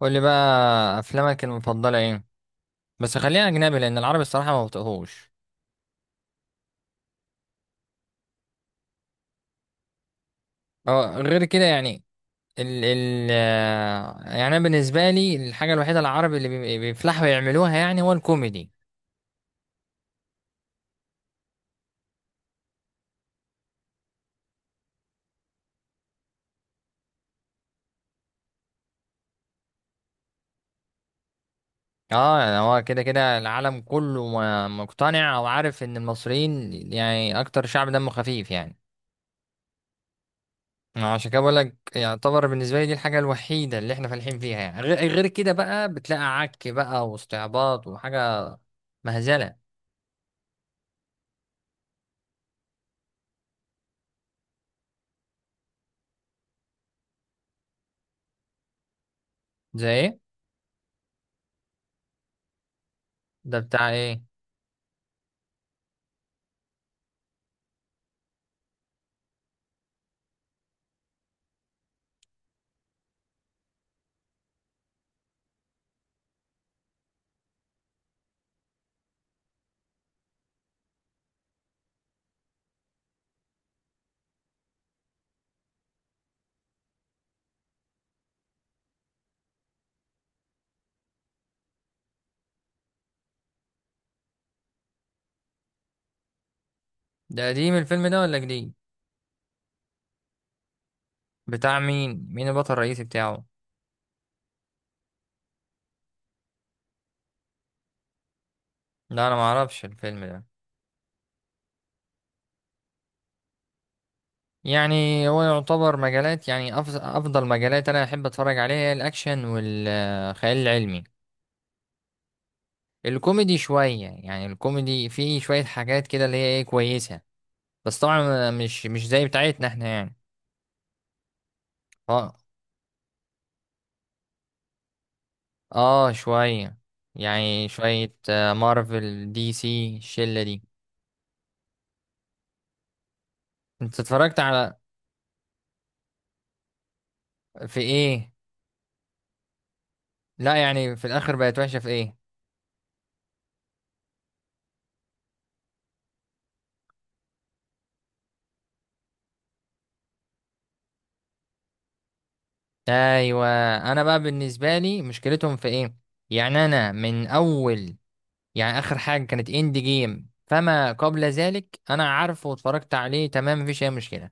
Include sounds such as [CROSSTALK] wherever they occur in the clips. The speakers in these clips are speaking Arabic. قول لي بقى افلامك المفضله ايه؟ بس خلينا اجنبي لان العربي الصراحه ما بطقهوش. اه غير كده يعني. ال ال آه، يعني انا بالنسبه لي الحاجه الوحيده العربي اللي بيفلحوا يعملوها يعني هو الكوميدي. اه يعني هو كده كده العالم كله مقتنع او عارف ان المصريين يعني اكتر شعب دمه خفيف يعني. عشان كده بقول لك يعتبر بالنسبه لي دي الحاجه الوحيده اللي احنا فالحين فيها يعني غير كده بقى بتلاقي عك بقى واستعباط وحاجه مهزله. زي ايه؟ ده بتاع ايه؟ ده قديم الفيلم ده ولا جديد؟ بتاع مين؟ مين البطل الرئيسي بتاعه؟ لا انا ما اعرفش الفيلم ده. يعني هو يعتبر مجالات، يعني افضل مجالات انا احب اتفرج عليها هي الاكشن والخيال العلمي. الكوميدي شويه، يعني الكوميدي فيه شويه حاجات كده اللي هي ايه كويسه. بس طبعا مش زي بتاعتنا احنا يعني. اه. اه شويه، يعني شويه مارفل دي سي الشله دي. انت اتفرجت على في ايه؟ لا يعني في الاخر بقت وحشه في ايه؟ ايوه. انا بقى بالنسبه لي مشكلتهم في ايه؟ يعني انا من اول، يعني اخر حاجه كانت اند جيم فما قبل ذلك انا عارفه واتفرجت عليه تمام مفيش اي مشكله.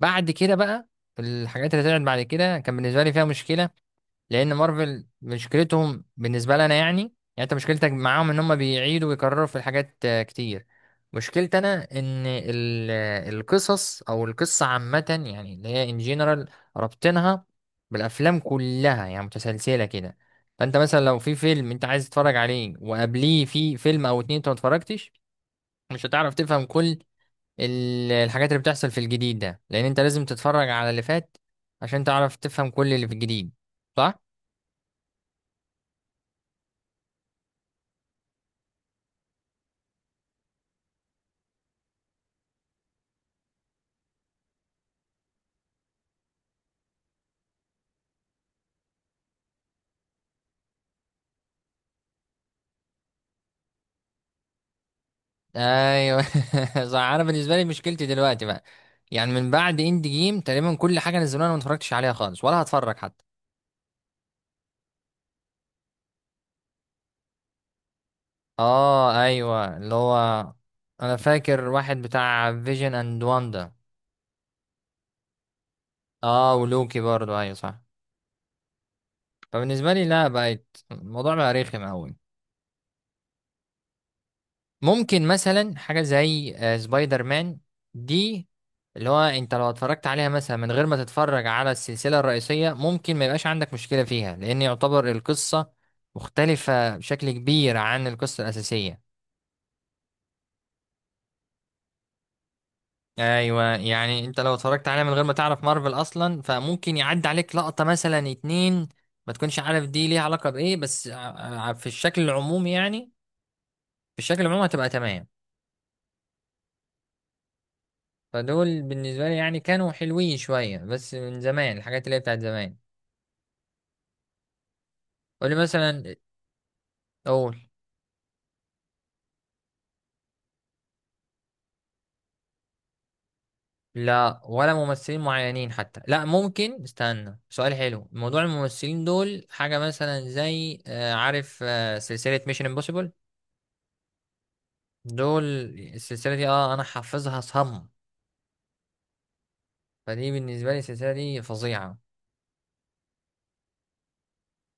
بعد كده بقى الحاجات اللي طلعت بعد كده كان بالنسبه لي فيها مشكله. لان مارفل مشكلتهم بالنسبه لنا، يعني انت مشكلتك معاهم ان هم بيعيدوا ويكرروا في الحاجات كتير. مشكلتي انا ان القصص او القصه عامه، يعني اللي هي ان جنرال ربطنها بالافلام كلها يعني متسلسله كده. فانت مثلا لو في فيلم انت عايز تتفرج عليه وقبليه في فيلم او اتنين انت ما اتفرجتش، مش هتعرف تفهم كل الحاجات اللي بتحصل في الجديد ده لان انت لازم تتفرج على اللي فات عشان تعرف تفهم كل اللي في الجديد، صح؟ ايوه [LAUGHS] صح. انا بالنسبه لي مشكلتي دلوقتي بقى، يعني من بعد اند جيم تقريبا كل حاجه نزلوها انا ما اتفرجتش عليها خالص ولا هتفرج حتى. اه ايوه، اللي هو انا فاكر واحد بتاع فيجن اند واندا. اه ولوكي برضو ايوه صح. فبالنسبه لي لا، بقت الموضوع بقى رخم قوي. ممكن مثلا حاجة زي سبايدر مان دي، اللي هو انت لو اتفرجت عليها مثلا من غير ما تتفرج على السلسلة الرئيسية ممكن ما يبقاش عندك مشكلة فيها، لأن يعتبر القصة مختلفة بشكل كبير عن القصة الأساسية. ايوه يعني انت لو اتفرجت عليها من غير ما تعرف مارفل اصلا فممكن يعدي عليك لقطة مثلا اتنين ما تكونش عارف دي ليها علاقة بايه، بس في الشكل العمومي يعني. في الشكل العمومي هتبقى تمام. فدول بالنسبة لي يعني كانوا حلوين شوية بس من زمان، الحاجات اللي هي بتاعت زمان. قولي مثلا أقول. لا، ولا ممثلين معينين حتى، لا ممكن استنى، سؤال حلو. موضوع الممثلين دول حاجة مثلا زي عارف سلسلة ميشن امبوسيبل دول. السلسلة دي اه أنا حافظها صم. فدي بالنسبة لي السلسلة دي فظيعة.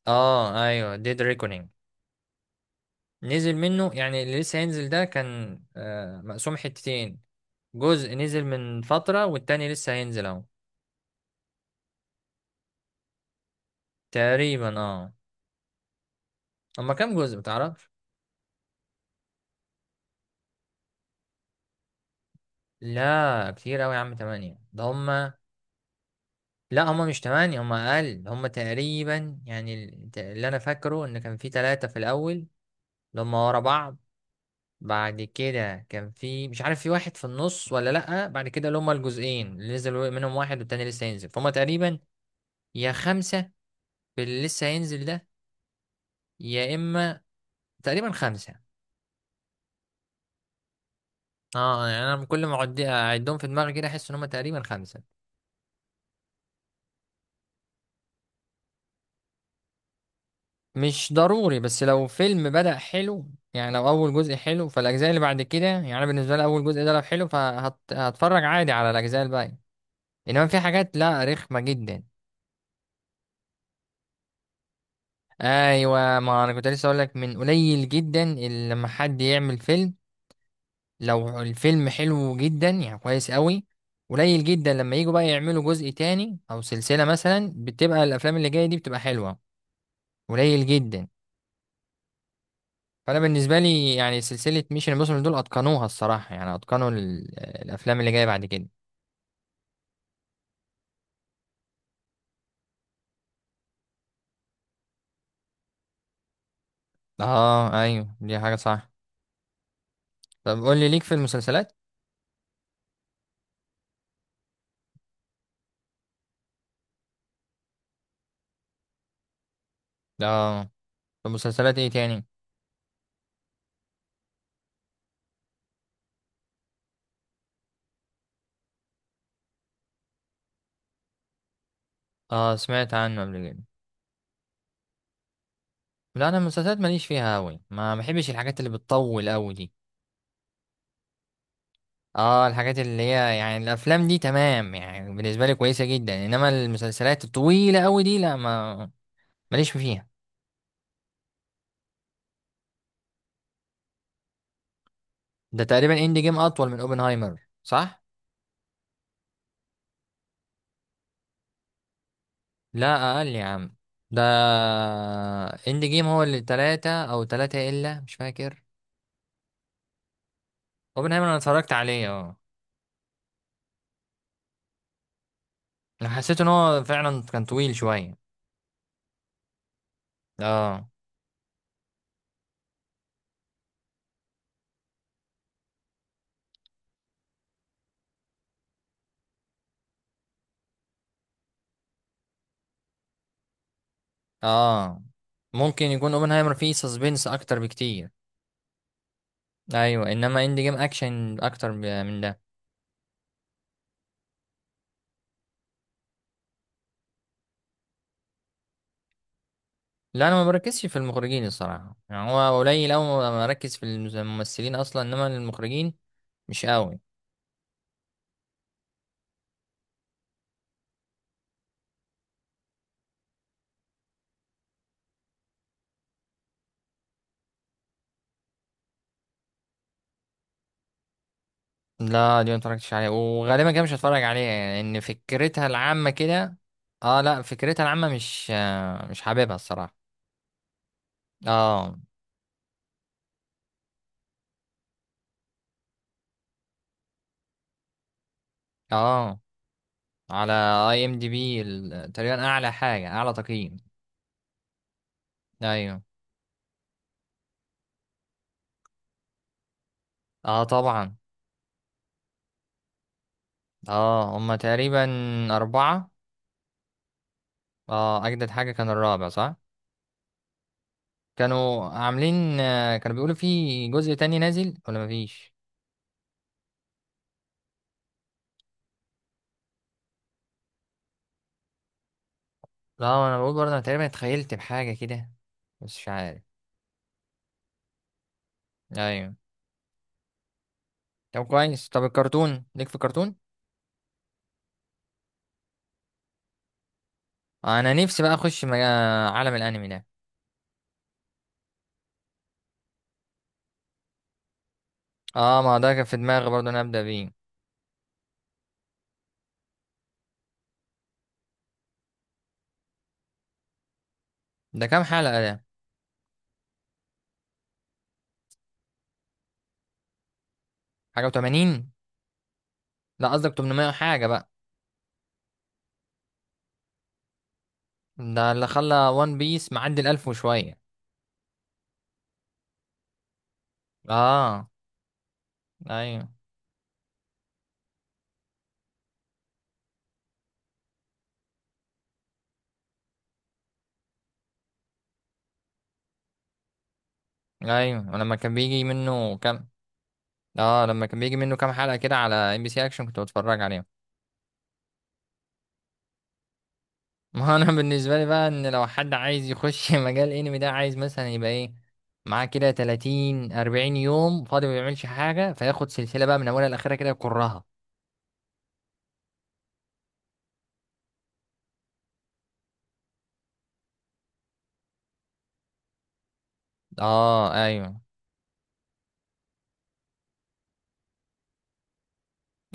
اه ايوه، ديد نزل منه يعني. اللي لسه هينزل ده كان مقسوم حتتين. جزء نزل من فترة والتاني لسه هينزل اهو. تقريبا اه. هما كام جزء متعرفش؟ لا كتير اوي يا عم، تمانية ده. هما لا، هما مش تمانية، هما اقل، هما تقريبا يعني اللي انا فاكره ان كان في تلاتة في الاول اللي هما ورا بعض. بعد كده كان في مش عارف في واحد في النص ولا لأ. بعد كده اللي هما الجزئين اللي نزل منهم واحد والتاني لسه هينزل، فهم تقريبا يا خمسة في اللي لسه هينزل ده، يا اما تقريبا خمسه. اه يعني انا كل ما اعد اعدهم في دماغي كده احس ان هم تقريبا خمسه. مش ضروري، بس لو فيلم بدأ حلو، يعني لو اول جزء حلو فالاجزاء اللي بعد كده، يعني أنا بالنسبه لي اول جزء ده لو حلو فهتفرج عادي على الاجزاء الباقيه. انما في حاجات لا رخمه جدا. ايوه، ما انا كنت لسه اقول لك من قليل جدا اللي لما حد يعمل فيلم لو الفيلم حلو جدا يعني كويس قوي، قليل جدا لما يجوا بقى يعملوا جزء تاني او سلسلة مثلا بتبقى الافلام اللي جاية دي بتبقى حلوة. قليل جدا. فانا بالنسبة لي يعني سلسلة ميشن امبوسيبل دول اتقنوها الصراحة، يعني اتقنوا الافلام اللي جاية بعد كده. اه ايوه دي حاجة صح. طب قول لي، ليك في المسلسلات؟ اه. طب مسلسلات ايه تاني؟ اه سمعت عنه قبل كده. لا انا المسلسلات ماليش فيها قوي، ما بحبش الحاجات اللي بتطول قوي دي. اه الحاجات اللي هي يعني الافلام دي تمام، يعني بالنسبه لي كويسه جدا، انما المسلسلات الطويله قوي دي لا، ما ماليش فيها. ده تقريبا اند جيم اطول من اوبنهايمر صح؟ لا اقل يا عم. ده اند جيم هو اللي تلاتة او تلاتة الا، مش فاكر. اوبنهايمر انا اتفرجت عليه اه. انا حسيت ان هو فعلا كان طويل شويه. اه. اه ممكن يكون اوبنهايمر فيه سسبنس اكتر بكتير. ايوه، انما اند جيم اكشن اكتر من ده. لا انا ما بركزش في المخرجين الصراحه، يعني هو قليل أوي ما بركز في الممثلين اصلا انما المخرجين مش قوي. لا دي ما اتفرجتش عليها وغالبا كده مش هتفرج عليها، يعني ان فكرتها العامه كده. اه لا، فكرتها العامه مش آه، مش حاببها الصراحه. اه. اه على اي ام دي بي تقريبا اعلى حاجه، اعلى تقييم. ايوه. اه طبعا. اه هما تقريبا اربعه. اه اجدد حاجه كان الرابع صح. كانوا عاملين كانوا بيقولوا في جزء تاني نازل ولا مفيش. لا انا بقول برضه انا تقريبا اتخيلت بحاجه كده، بس مش عارف. ايوه. طب كويس، طب الكرتون، ليك في الكرتون؟ انا نفسي بقى اخش عالم الانمي ده. اه ما ده كان في دماغي برضه انا ابدا بيه. ده كام حلقه ده؟ حاجه و80. لا قصدك 800 حاجه بقى. ده اللي خلى وان بيس معدي الألف وشويه. اه ايوه. ايوه ولما كان بيجي منه كام. اه لما كان بيجي منه كام حلقه كده على ام بي سي اكشن كنت بتفرج عليه. ما هو انا [LAUGHS] بالنسبه لي بقى ان لو حد عايز يخش [LAUGHS] مجال انمي ده عايز مثلا يبقى ايه معاه كده 30 40 يوم فاضي ما بيعملش حاجه فياخد سلسله بقى من اولها لاخرها كده يكرها. اه ايوه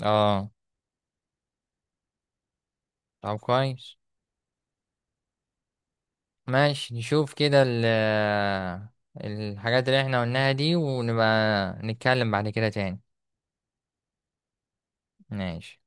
اه. طب كويس ماشي، نشوف كده الحاجات اللي احنا قلناها دي ونبقى نتكلم بعد كده تاني. ماشي.